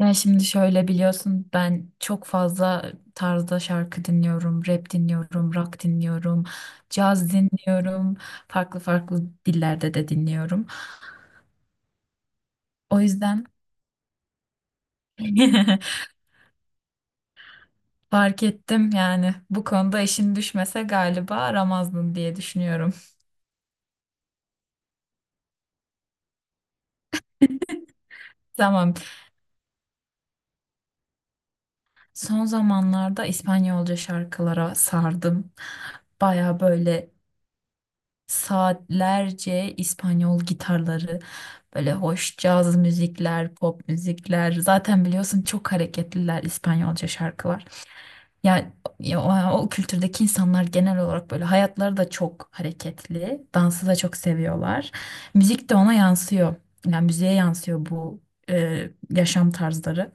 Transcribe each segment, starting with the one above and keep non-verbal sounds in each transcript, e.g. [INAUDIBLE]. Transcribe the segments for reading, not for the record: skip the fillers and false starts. Ya şimdi şöyle biliyorsun ben çok fazla tarzda şarkı dinliyorum, rap dinliyorum, rock dinliyorum, caz dinliyorum, farklı farklı dillerde de dinliyorum. O yüzden [LAUGHS] fark ettim yani bu konuda işin düşmese galiba aramazdın diye düşünüyorum. Tamam. Son zamanlarda İspanyolca şarkılara sardım. Baya böyle saatlerce İspanyol gitarları, böyle hoş caz müzikler, pop müzikler. Zaten biliyorsun çok hareketliler İspanyolca şarkılar. Yani ya o kültürdeki insanlar genel olarak böyle hayatları da çok hareketli, dansı da çok seviyorlar. Müzik de ona yansıyor. Yani müziğe yansıyor bu yaşam tarzları.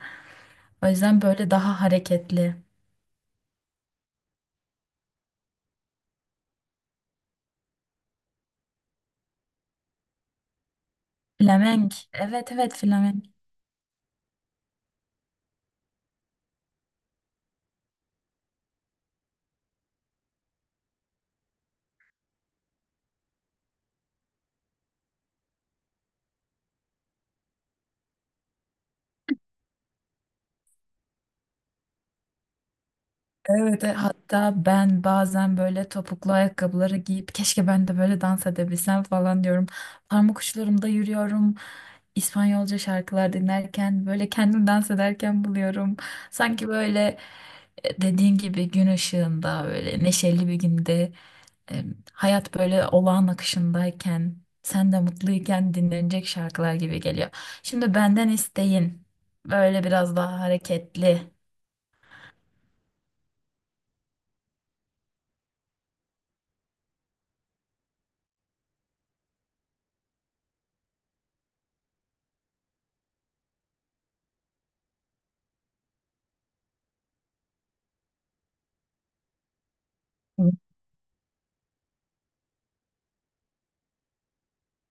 O yüzden böyle daha hareketli. Flamenk. Evet evet flamenk. Evet, hatta ben bazen böyle topuklu ayakkabıları giyip keşke ben de böyle dans edebilsem falan diyorum. Parmak uçlarımda yürüyorum. İspanyolca şarkılar dinlerken böyle kendim dans ederken buluyorum. Sanki böyle dediğin gibi gün ışığında böyle neşeli bir günde e, hayat böyle olağan akışındayken sen de mutluyken dinlenecek şarkılar gibi geliyor. Şimdi benden isteyin böyle biraz daha hareketli.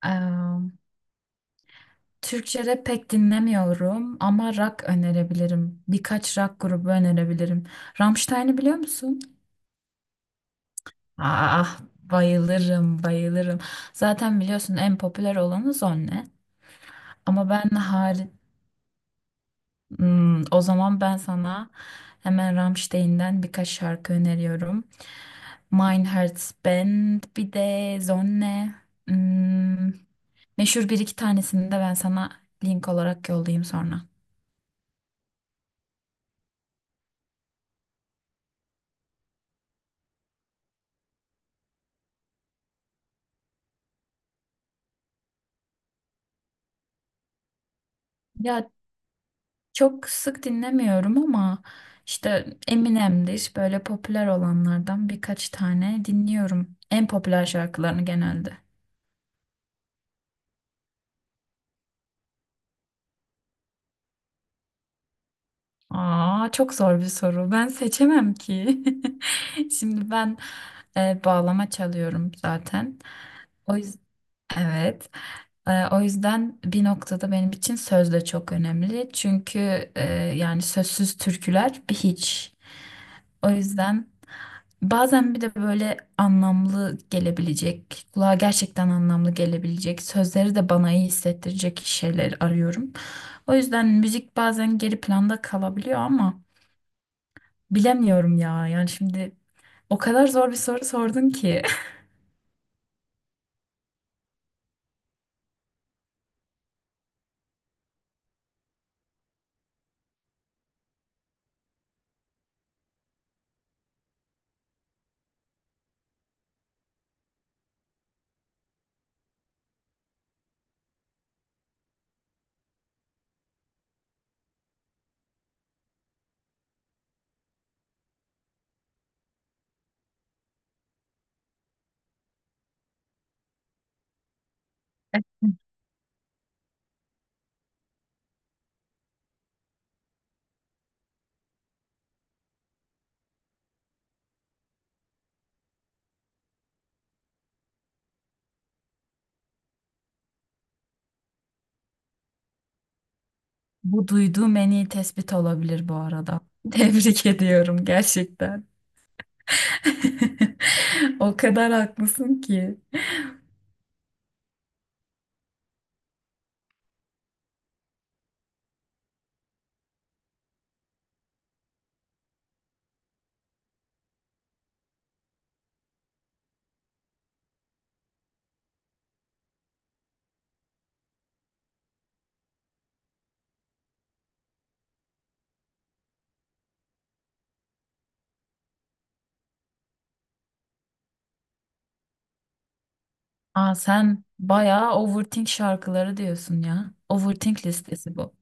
Hı. Türkçe rap pek dinlemiyorum ama rock önerebilirim. Birkaç rock grubu önerebilirim. Rammstein'i biliyor musun? Ah bayılırım bayılırım. Zaten biliyorsun en popüler olanı Zonne. Ama Hmm, o zaman ben sana hemen Rammstein'den birkaç şarkı öneriyorum. Mein Herz Band bir de Zonne. Hmm, meşhur bir iki tanesini de ben sana link olarak yollayayım sonra. Ya çok sık dinlemiyorum ama işte Eminem'dir böyle popüler olanlardan birkaç tane dinliyorum. En popüler şarkılarını genelde. Aa çok zor bir soru. Ben seçemem ki. [LAUGHS] Şimdi ben bağlama çalıyorum zaten. O evet. O yüzden bir noktada benim için söz de çok önemli. Çünkü yani sözsüz türküler bir hiç. O yüzden bazen bir de böyle anlamlı gelebilecek, kulağa gerçekten anlamlı gelebilecek, sözleri de bana iyi hissettirecek şeyler arıyorum. O yüzden müzik bazen geri planda kalabiliyor ama bilemiyorum ya. Yani şimdi o kadar zor bir soru sordun ki. Bu duyduğum en iyi tespit olabilir bu arada. [LAUGHS] Tebrik ediyorum gerçekten. [LAUGHS] O kadar haklısın ki. Aa, sen bayağı overthink şarkıları diyorsun ya. Overthink listesi bu.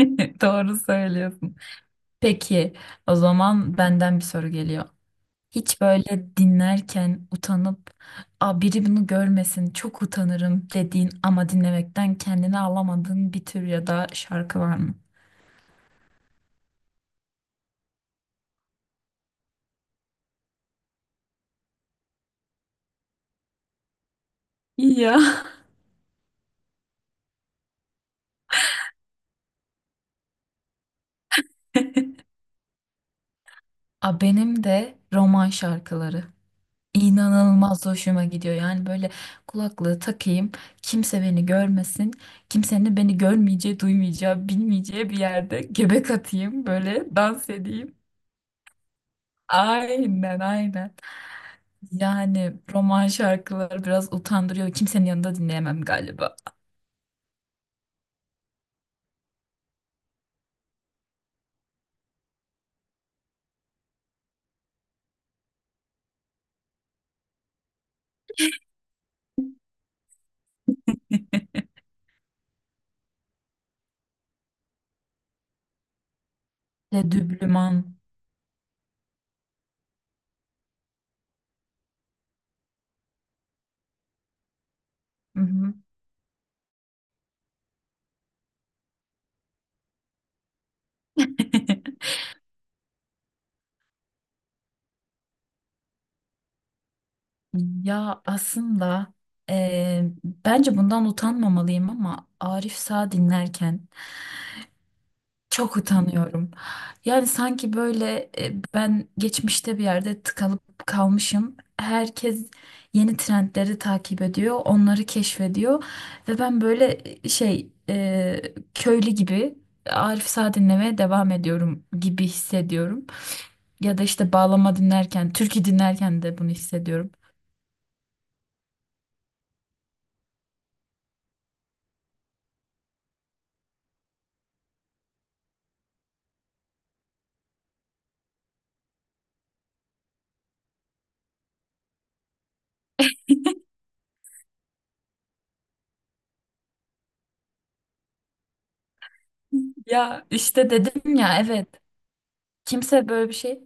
[LAUGHS] Doğru söylüyorsun. Peki, o zaman benden bir soru geliyor. Hiç böyle dinlerken utanıp, aa, biri bunu görmesin, çok utanırım dediğin ama dinlemekten kendini alamadığın bir tür ya da şarkı var mı? Ya. A benim de roman şarkıları. İnanılmaz hoşuma gidiyor. Yani böyle kulaklığı takayım, kimse beni görmesin, kimsenin de beni görmeyeceği, duymayacağı, bilmeyeceği bir yerde göbek atayım, böyle dans edeyim. Aynen, aynen. Yani roman şarkıları biraz utandırıyor. Kimsenin yanında dinleyemem galiba. [LAUGHS] De Düblüman. Hı hı. [LAUGHS] Ya aslında bence bundan utanmamalıyım ama Arif Sağ dinlerken çok utanıyorum. Yani sanki böyle ben geçmişte bir yerde tıkalıp kalmışım. Herkes yeni trendleri takip ediyor, onları keşfediyor ve ben böyle köylü gibi Arif Sağ dinlemeye devam ediyorum gibi hissediyorum. Ya da işte bağlama dinlerken, türkü dinlerken de bunu hissediyorum. [LAUGHS] Ya işte dedim ya evet. Kimse böyle bir şey.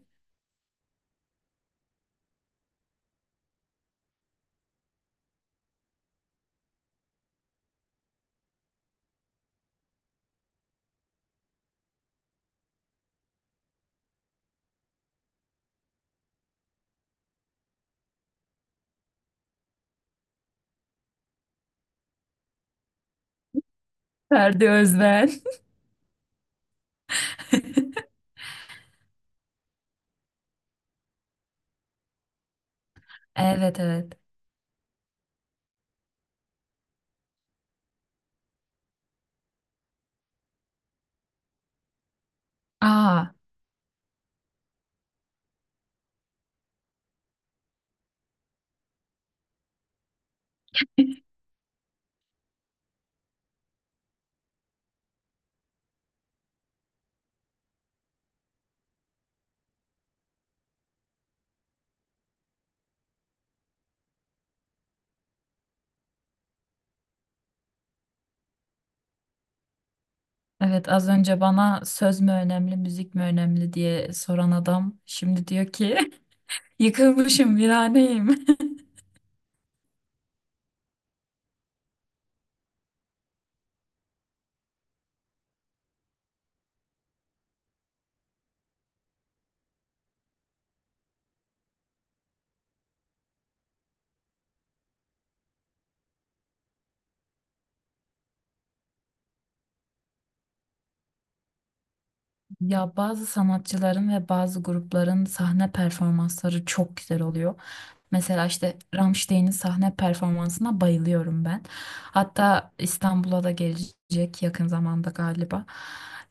Ferdi Özben. Evet evet. Aa evet, az önce bana söz mü önemli, müzik mi önemli diye soran adam şimdi diyor ki [LAUGHS] yıkılmışım, viraneyim. [LAUGHS] Ya bazı sanatçıların ve bazı grupların sahne performansları çok güzel oluyor. Mesela işte Rammstein'in sahne performansına bayılıyorum ben. Hatta İstanbul'a da gelecek yakın zamanda galiba.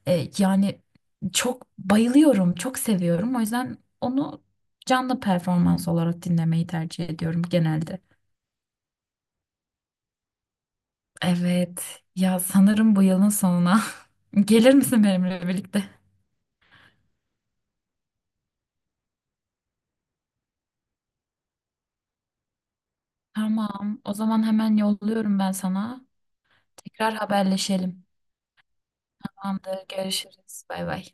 Yani çok bayılıyorum, çok seviyorum. O yüzden onu canlı performans olarak dinlemeyi tercih ediyorum genelde. Evet. Ya sanırım bu yılın sonuna. [LAUGHS] Gelir misin benimle birlikte? Tamam. O zaman hemen yolluyorum ben sana. Tekrar haberleşelim. Tamamdır. Görüşürüz. Bay bay.